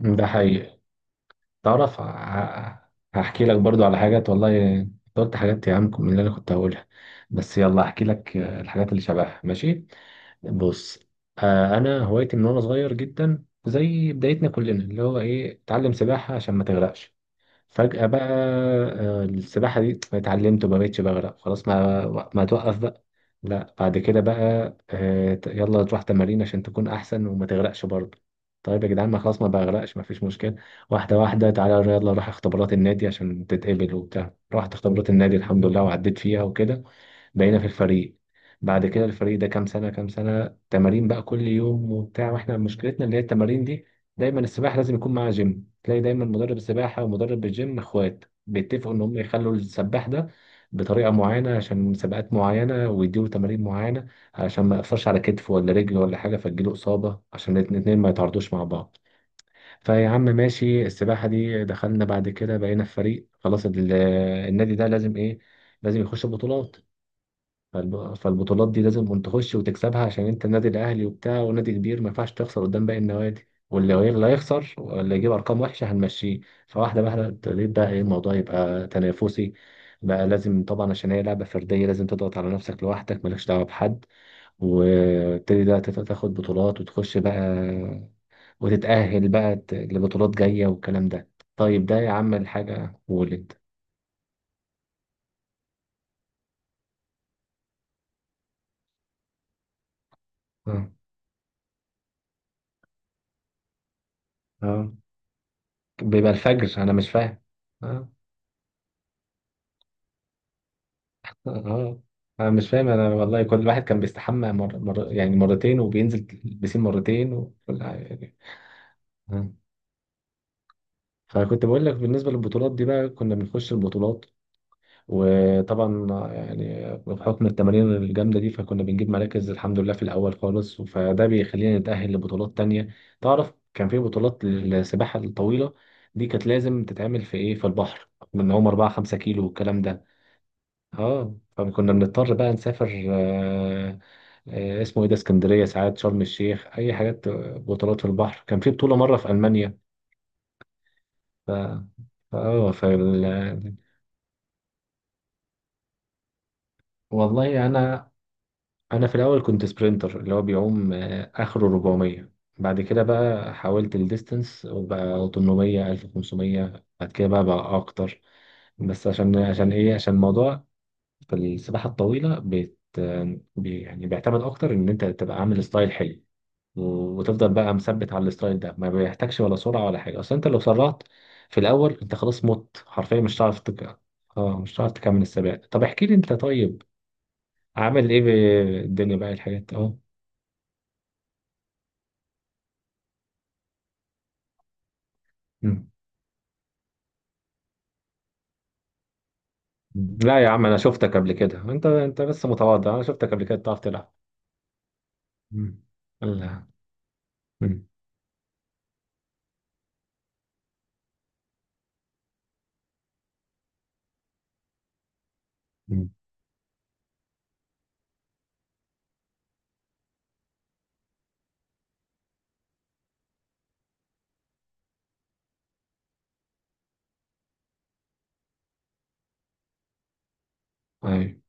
ده حقيقي. تعرف هحكي لك برضو على حاجات، والله أنت قلت حاجات يا عم من اللي انا كنت هقولها. بس يلا احكي لك، الحاجات اللي شبهها ماشي. بص، انا هوايتي من وانا صغير جدا، زي بدايتنا كلنا اللي هو ايه اتعلم سباحة عشان ما تغرقش. فجأة بقى، السباحة دي اتعلمت وما بقتش بغرق، خلاص ما توقف بقى. لا، بعد كده بقى يلا تروح تمارين عشان تكون أحسن وما تغرقش برضه. طيب يا جدعان، ما خلاص ما بغرقش، ما فيش مشكلة. واحدة واحدة، تعالى يلا روح اختبارات النادي عشان تتقبل وبتاع. رحت اختبارات النادي الحمد لله وعديت فيها وكده. بقينا في الفريق. بعد كده الفريق ده، كام سنة كام سنة تمارين بقى كل يوم وبتاع، واحنا مشكلتنا اللي هي التمارين دي. دايما السباحة لازم يكون معاها جيم. تلاقي دايما مدرب سباحة ومدرب الجيم اخوات، بيتفقوا ان هم يخلوا السباح ده بطريقة معينة عشان مسابقات معينة، ويديله تمارين معينة عشان ما يقفرش على كتفه ولا رجله ولا حاجة فتجيله إصابة، عشان الاتنين الاتنين ما يتعرضوش مع بعض. فيا عم ماشي، السباحة دي دخلنا، بعد كده بقينا في فريق خلاص. النادي ده لازم ايه؟ لازم يخش بطولات. فالبطولات دي لازم انت تخش وتكسبها، عشان انت النادي الاهلي وبتاع ونادي كبير، ما ينفعش تخسر قدام باقي النوادي، واللي هي- اللي هيخسر واللي يجيب ارقام وحشه هنمشيه. فواحده واحده ابتديت بقى ايه، الموضوع يبقى تنافسي. بقى لازم طبعا، عشان هي لعبه فرديه، لازم تضغط على نفسك لوحدك مالكش دعوه بحد. وابتدي بقى تاخد بطولات وتخش بقى، وتتاهل بقى لبطولات جايه والكلام ده. طيب ده يا عم الحاجه ولد. اه. اه، بيبقى الفجر انا مش فاهم. اه. انا مش فاهم، انا والله كل واحد كان بيستحمى يعني مرتين، وبينزل البسين مرتين وكل حاجه يعني. آه. فكنت بقول لك، بالنسبه للبطولات دي بقى كنا بنخش البطولات. وطبعا يعني بحكم التمارين الجامده دي، فكنا بنجيب مراكز الحمد لله في الاول خالص، فده بيخلينا نتاهل لبطولات تانية. تعرف كان في بطولات للسباحه الطويله، دي كانت لازم تتعمل في ايه، في البحر، من هم 4 5 كيلو والكلام ده. اه فكنا بنضطر بقى نسافر. اسمه ايه ده، اسكندريه، ساعات شرم الشيخ، اي حاجات، بطولات في البحر. كان في بطوله مره في المانيا. ف اه فال... والله انا في الاول كنت سبرينتر اللي هو بيعوم آه اخره 400. بعد كده بقى حاولت الديستنس وبقى 800 1500، بعد كده بقى اكتر. بس عشان عشان ايه، عشان الموضوع في السباحه الطويله يعني بيعتمد اكتر ان انت تبقى عامل ستايل حلو، و- وتفضل بقى مثبت على الستايل ده. ما بيحتاجش ولا سرعة ولا حاجة، اصل انت لو سرعت في الاول انت خلاص مت حرفيا، مش هتعرف اه مش هتعرف تكمل السباق. طب احكي لي انت، طيب عامل ايه في الدنيا بقى الحاجات. اه. مم. لا يا عم انا شفتك قبل كده، انت بس متواضع، انا شفتك قبل كده بتعرف تلعب. مم. لا. مم. مم. أيوة.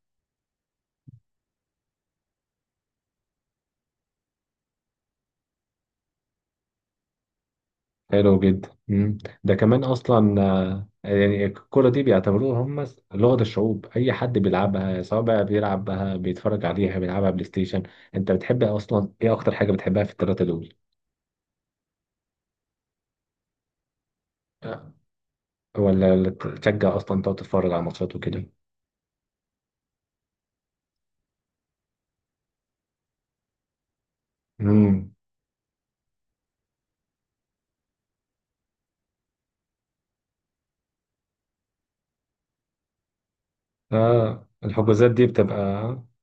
حلو جدا. مم. ده كمان اصلا يعني الكرة دي بيعتبروها هم لغة الشعوب، اي حد بيلعبها، سواء بقى بيلعبها، بيتفرج عليها، بيلعبها بلاي ستيشن. انت بتحب اصلا ايه، اكتر حاجة بتحبها في الثلاثة دول؟ آه، ولا تشجع اصلا تقعد تتفرج على ماتشات وكده؟ امم. اه الحجوزات دي بتبقى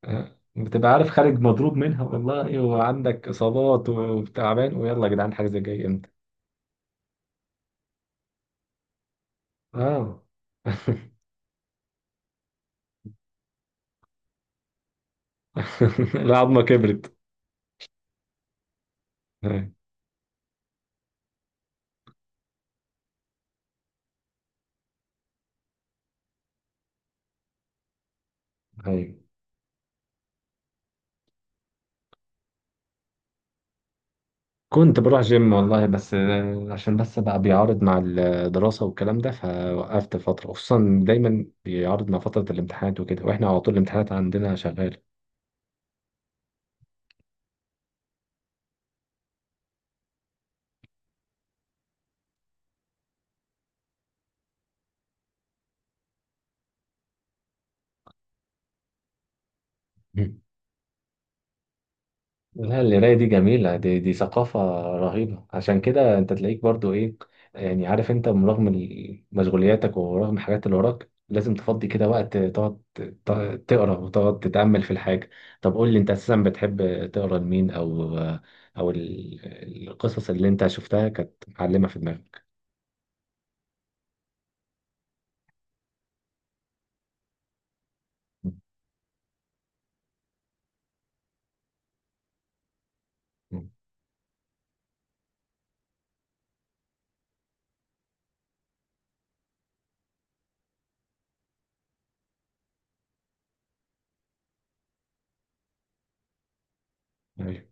بتبقى عارف خارج مضروب منها والله، وعندك اصابات وتعبان ويلا يا جدعان حاجة زي جاي امتى. اه. العظمة كبرت. أيوة. أيوة. كنت بروح جيم والله، بس عشان بس بقى بيعارض مع الدراسة والكلام ده فوقفت فترة، خصوصا دايما بيعارض مع فترة الامتحانات وكده، واحنا على طول الامتحانات عندنا شغالة. لا، القراية دي جميلة، دي ثقافة رهيبة. عشان كده انت تلاقيك برضو ايه، يعني عارف انت رغم مشغولياتك ورغم الحاجات اللي وراك لازم تفضي كده وقت تقعد تقرا وتقعد تتأمل في الحاجة. طب قول لي انت اساسا بتحب تقرا لمين، او او القصص اللي انت شفتها كانت معلمة في دماغك؟ م- م- أيوة.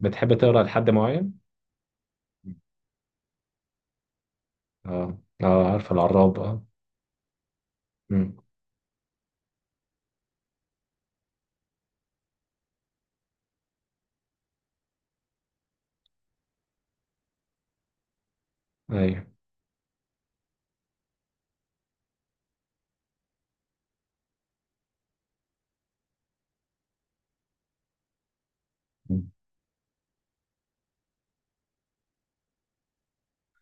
بتحب تقرا لحد معين؟ م. اه اه، عارف العراب اه. م. ايوه. م.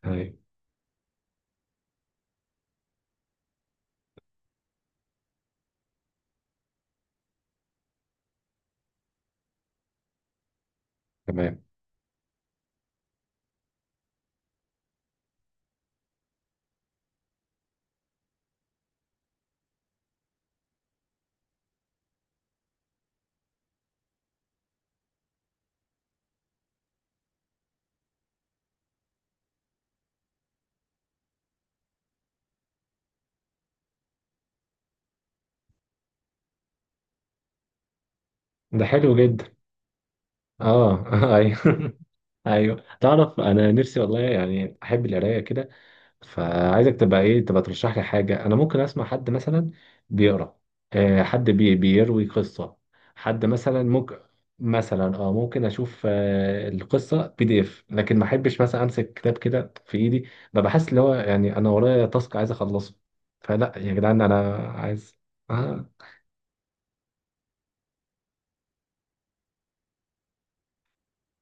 ايوه تمام. ده حلو جدا. اه ايوه. ايوه تعرف انا نفسي والله يعني احب القرايه كده، فعايزك تبقى ايه، تبقى ترشح لي حاجه انا ممكن اسمع حد مثلا بيقرا، آه حد بيروي قصه، حد مثلا ممكن، مثلا اه، ممكن اشوف آه القصه بي دي اف، لكن ما احبش مثلا امسك كتاب كده في ايدي، ببقى حاسس اللي هو يعني انا ورايا تاسك عايز اخلصه، فلا يا جدعان انا عايز. اه.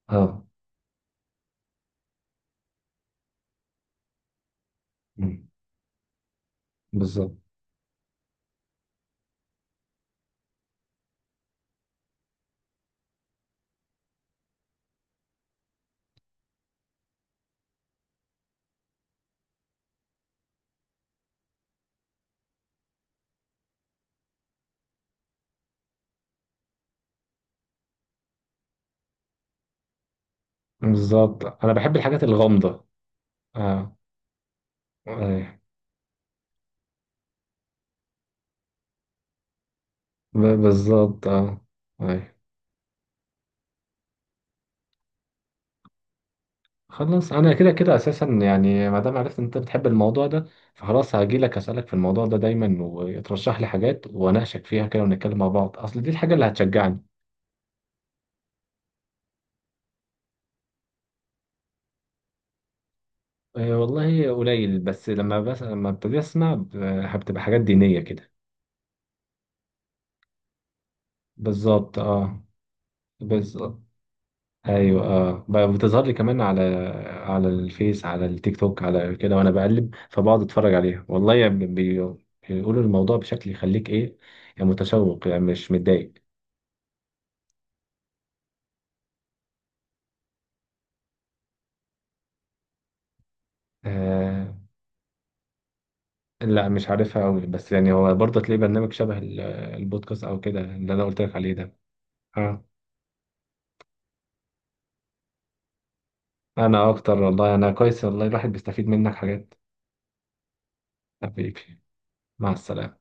اه. مم. بالظبط. بالظبط انا بحب الحاجات الغامضه. اه. ايوه. بالظبط اه. ايوه خلاص، انا كده كده اساسا يعني، ما دام عرفت ان انت بتحب الموضوع ده، فخلاص هاجي لك اسالك في الموضوع ده دايما، وترشح لي حاجات واناقشك فيها كده ونتكلم مع بعض، اصل دي الحاجه اللي هتشجعني. أه والله قليل، بس لما ابتدي اسمع بتبقى حاجات دينيه كده. بالظبط اه. بالظبط. ايوه اه بقى بتظهر لي كمان على الفيس، على التيك توك، على كده وانا بقلب، فبقعد اتفرج عليها والله يعني بيقولوا الموضوع بشكل يخليك ايه، يعني متشوق يعني مش متضايق. آه لا مش عارفها قوي، بس يعني هو برضه تلاقي برنامج شبه البودكاست او كده اللي انا قلت لك عليه ده. اه. انا اكتر والله، انا كويس والله، الواحد بيستفيد منك حاجات. حبيبي. مع السلامة.